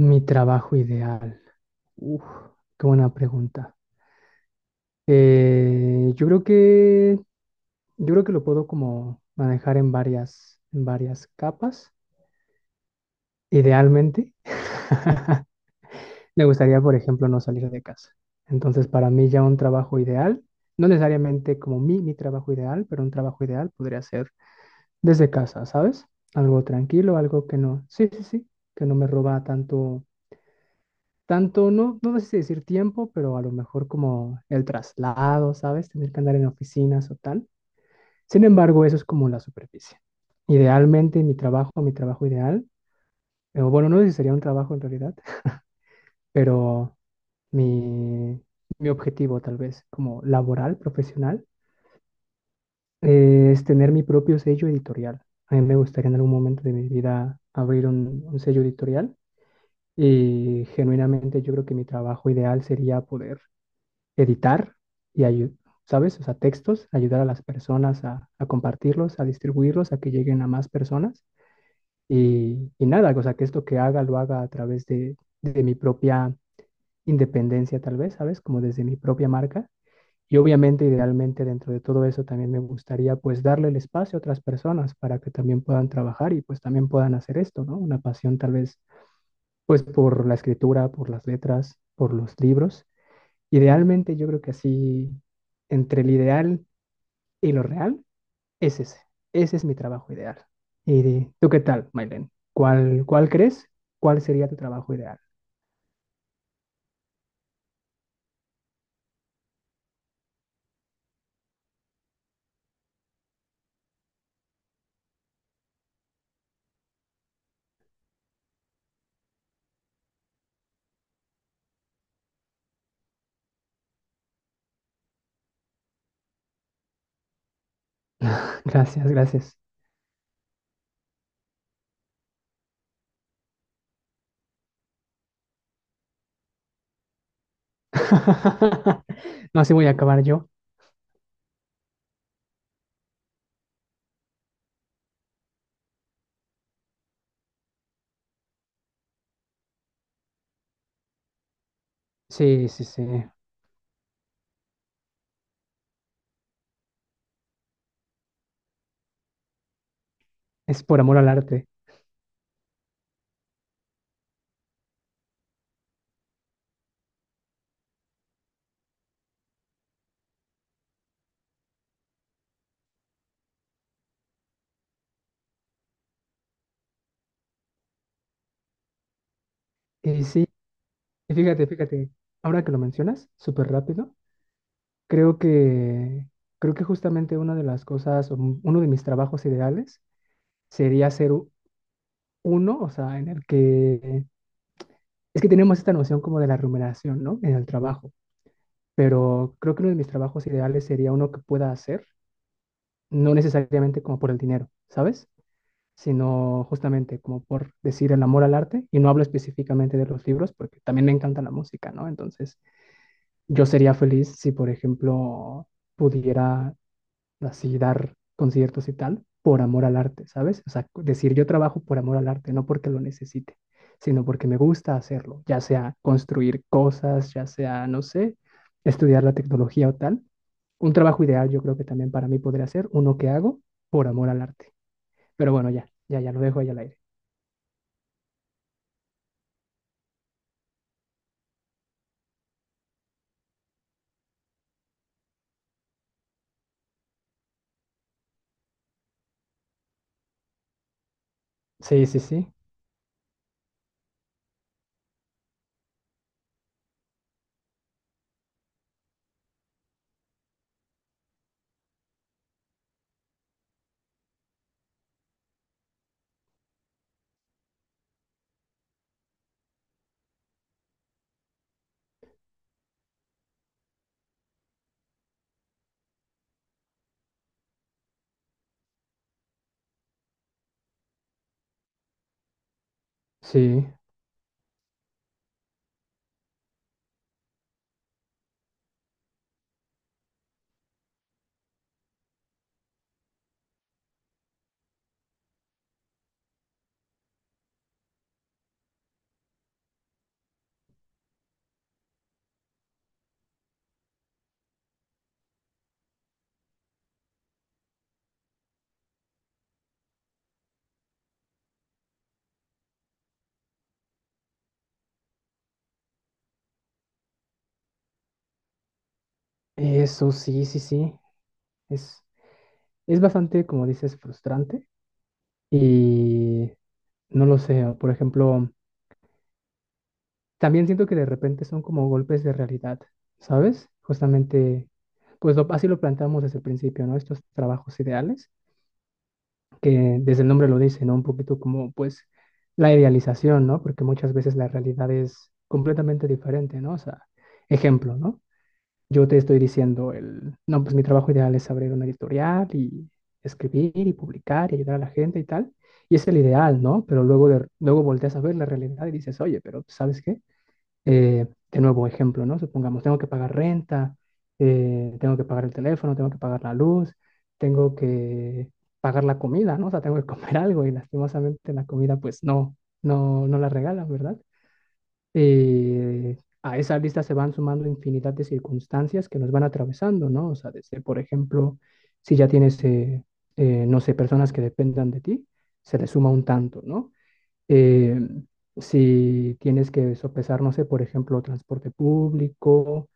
Mi trabajo ideal. Uf, qué buena pregunta. Eh, yo creo que, yo creo que lo puedo como manejar en varias capas. Idealmente, me gustaría, por ejemplo, no salir de casa. Entonces, para mí ya un trabajo ideal, no necesariamente como mi trabajo ideal, pero un trabajo ideal podría ser desde casa, ¿sabes? Algo tranquilo, algo que no, sí, sí, sí, que no me roba tanto tanto, no, no sé si decir tiempo, pero a lo mejor como el traslado, ¿sabes? Tener que andar en oficinas o tal. Sin embargo, eso es como la superficie. Idealmente, mi trabajo ideal, bueno, no sé si sería un trabajo en realidad, pero mi, mi objetivo tal vez como laboral, profesional, es tener mi propio sello editorial. A mí me gustaría en algún momento de mi vida abrir un sello editorial. Y genuinamente yo creo que mi trabajo ideal sería poder editar y ¿sabes? O sea, textos, ayudar a las personas a compartirlos, a distribuirlos, a que lleguen a más personas. Y nada, o sea, que esto que haga lo haga a través de mi propia independencia, tal vez, ¿sabes? Como desde mi propia marca. Y obviamente, idealmente, dentro de todo eso también me gustaría pues darle el espacio a otras personas para que también puedan trabajar y pues también puedan hacer esto, ¿no? Una pasión tal vez pues por la escritura, por las letras, por los libros. Idealmente, yo creo que así, entre el ideal y lo real, es ese. Ese es mi trabajo ideal. ¿Y tú qué tal, Mailen? ¿Cuál crees? ¿Cuál sería tu trabajo ideal? Gracias, gracias. No, así voy a acabar yo. Sí, sí, sí. Es por amor al arte. Y sí, y fíjate, fíjate, ahora que lo mencionas, súper rápido, creo que, creo que justamente una de las cosas, o uno de mis trabajos ideales sería ser uno, o sea, en el que es que tenemos esta noción como de la remuneración, ¿no? En el trabajo, pero creo que uno de mis trabajos ideales sería uno que pueda hacer, no necesariamente como por el dinero, ¿sabes? Sino justamente como por decir el amor al arte, y no hablo específicamente de los libros, porque también me encanta la música, ¿no? Entonces, yo sería feliz si, por ejemplo, pudiera así dar conciertos y tal, por amor al arte, ¿sabes? O sea, decir yo trabajo por amor al arte, no porque lo necesite, sino porque me gusta hacerlo, ya sea construir cosas, ya sea, no sé, estudiar la tecnología o tal. Un trabajo ideal yo creo que también para mí podría ser uno que hago por amor al arte. Pero bueno, ya, ya, ya lo dejo ahí al aire. Sí, sí, sí, sí. Eso sí, sí, sí. Es, es bastante, como dices, frustrante. Y no lo sé, por ejemplo, también siento que de repente son como golpes de realidad, ¿sabes? Justamente, pues así lo planteamos desde el principio, ¿no? Estos trabajos ideales, que desde el nombre lo dice, ¿no? Un poquito como, pues, la idealización, ¿no? Porque muchas veces la realidad es completamente diferente, ¿no? O sea, ejemplo, ¿no? Yo te estoy diciendo el, no, pues mi trabajo ideal es abrir una editorial y escribir y publicar y ayudar a la gente y tal. Y es el ideal, ¿no? Pero luego, luego volteas a ver la realidad y dices, oye, pero ¿sabes qué? De nuevo, ejemplo, ¿no? Supongamos, tengo que pagar renta, tengo que pagar el teléfono, tengo que pagar la luz, tengo que pagar la comida, ¿no? O sea, tengo que comer algo y lastimosamente la comida, pues no, no, no la regalan, ¿verdad? A esa lista se van sumando infinidad de circunstancias que nos van atravesando, ¿no? O sea, desde, por ejemplo, si ya tienes, no sé, personas que dependan de ti, se le suma un tanto, ¿no? eh, si tienes que sopesar, no sé, por ejemplo, transporte público,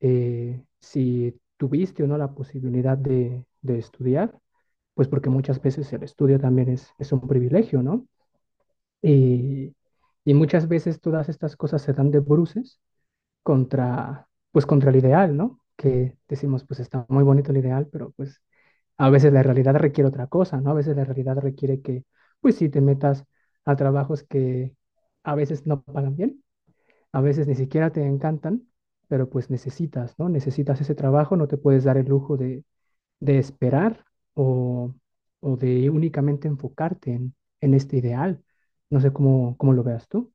si tuviste o no la posibilidad de estudiar, pues porque muchas veces el estudio también es un privilegio, ¿no? Y, y muchas veces todas estas cosas se dan de bruces contra, pues contra el ideal, ¿no? Que decimos, pues está muy bonito el ideal, pero pues a veces la realidad requiere otra cosa, ¿no? A veces la realidad requiere que, pues sí, te metas a trabajos que a veces no pagan bien, a veces ni siquiera te encantan, pero pues necesitas, ¿no? Necesitas ese trabajo, no te puedes dar el lujo de esperar o, o de únicamente enfocarte en este ideal. No sé cómo, cómo lo veas tú.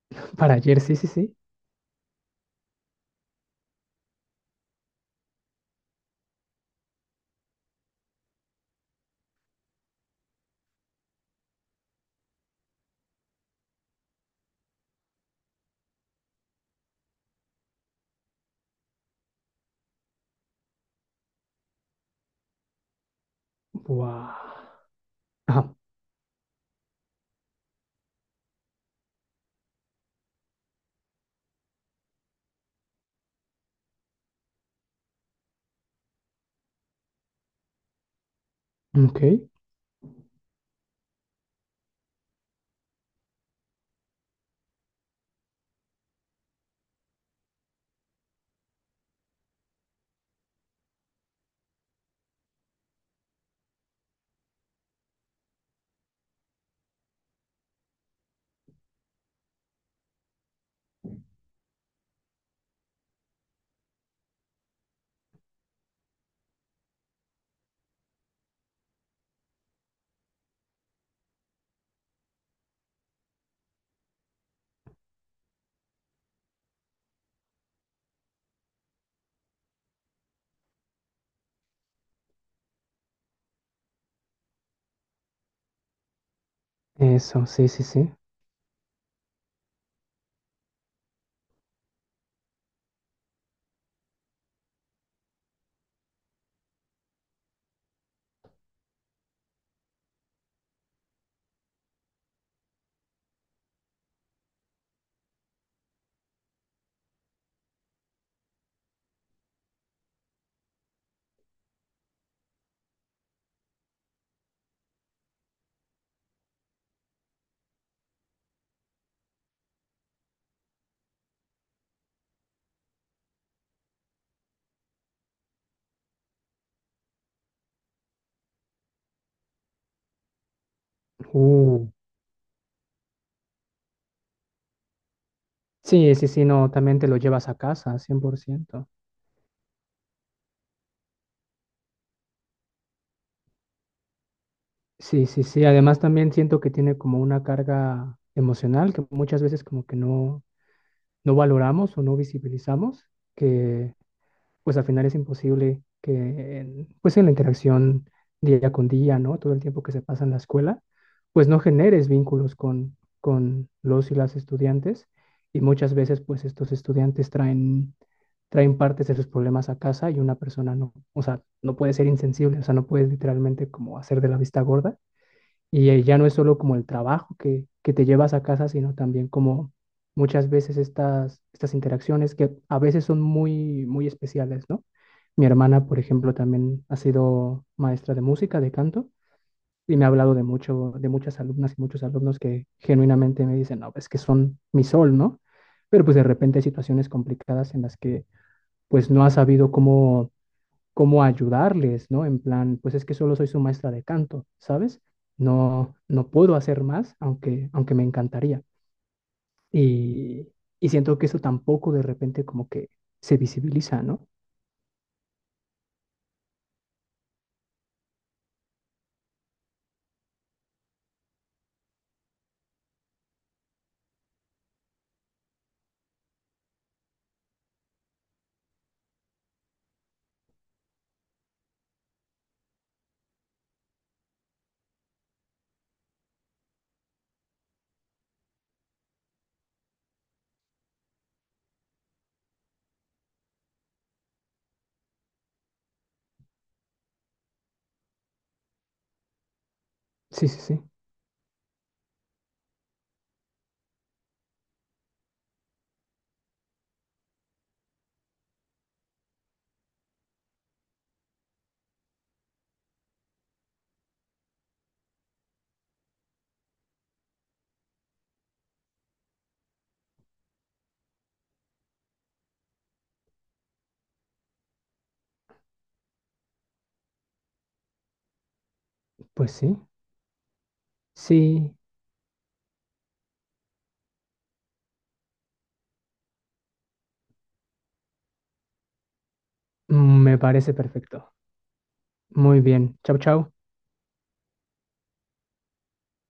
Para ayer, sí, sí, sí. Wow. Ajá. Ok. Eso, sí, sí, sí. Uh. Sí, sí, sí, no, también te lo llevas a casa, 100%. Sí, sí, sí. Además también siento que tiene como una carga emocional que muchas veces como que no, no valoramos o no visibilizamos, que pues al final es imposible que, pues en la interacción día con día, ¿no? Todo el tiempo que se pasa en la escuela, pues no generes vínculos con los y las estudiantes y muchas veces pues estos estudiantes traen, traen partes de sus problemas a casa y una persona no, o sea, no puede ser insensible, o sea, no puede literalmente como hacer de la vista gorda y ya no es solo como el trabajo que te llevas a casa, sino también como muchas veces estas, estas interacciones que a veces son muy, muy especiales, ¿no? Mi hermana, por ejemplo, también ha sido maestra de música, de canto, y me ha hablado de mucho, de muchas alumnas y muchos alumnos que genuinamente me dicen, no, es que son mi sol, ¿no? Pero pues de repente hay situaciones complicadas en las que pues no has sabido cómo cómo ayudarles, ¿no? En plan, pues es que solo soy su maestra de canto, ¿sabes? No, no puedo hacer más, aunque, aunque me encantaría. Y, y siento que eso tampoco de repente como que se visibiliza, ¿no? Sí, sí, sí. Pues sí. Sí, me parece perfecto. Muy bien. Chau, chau.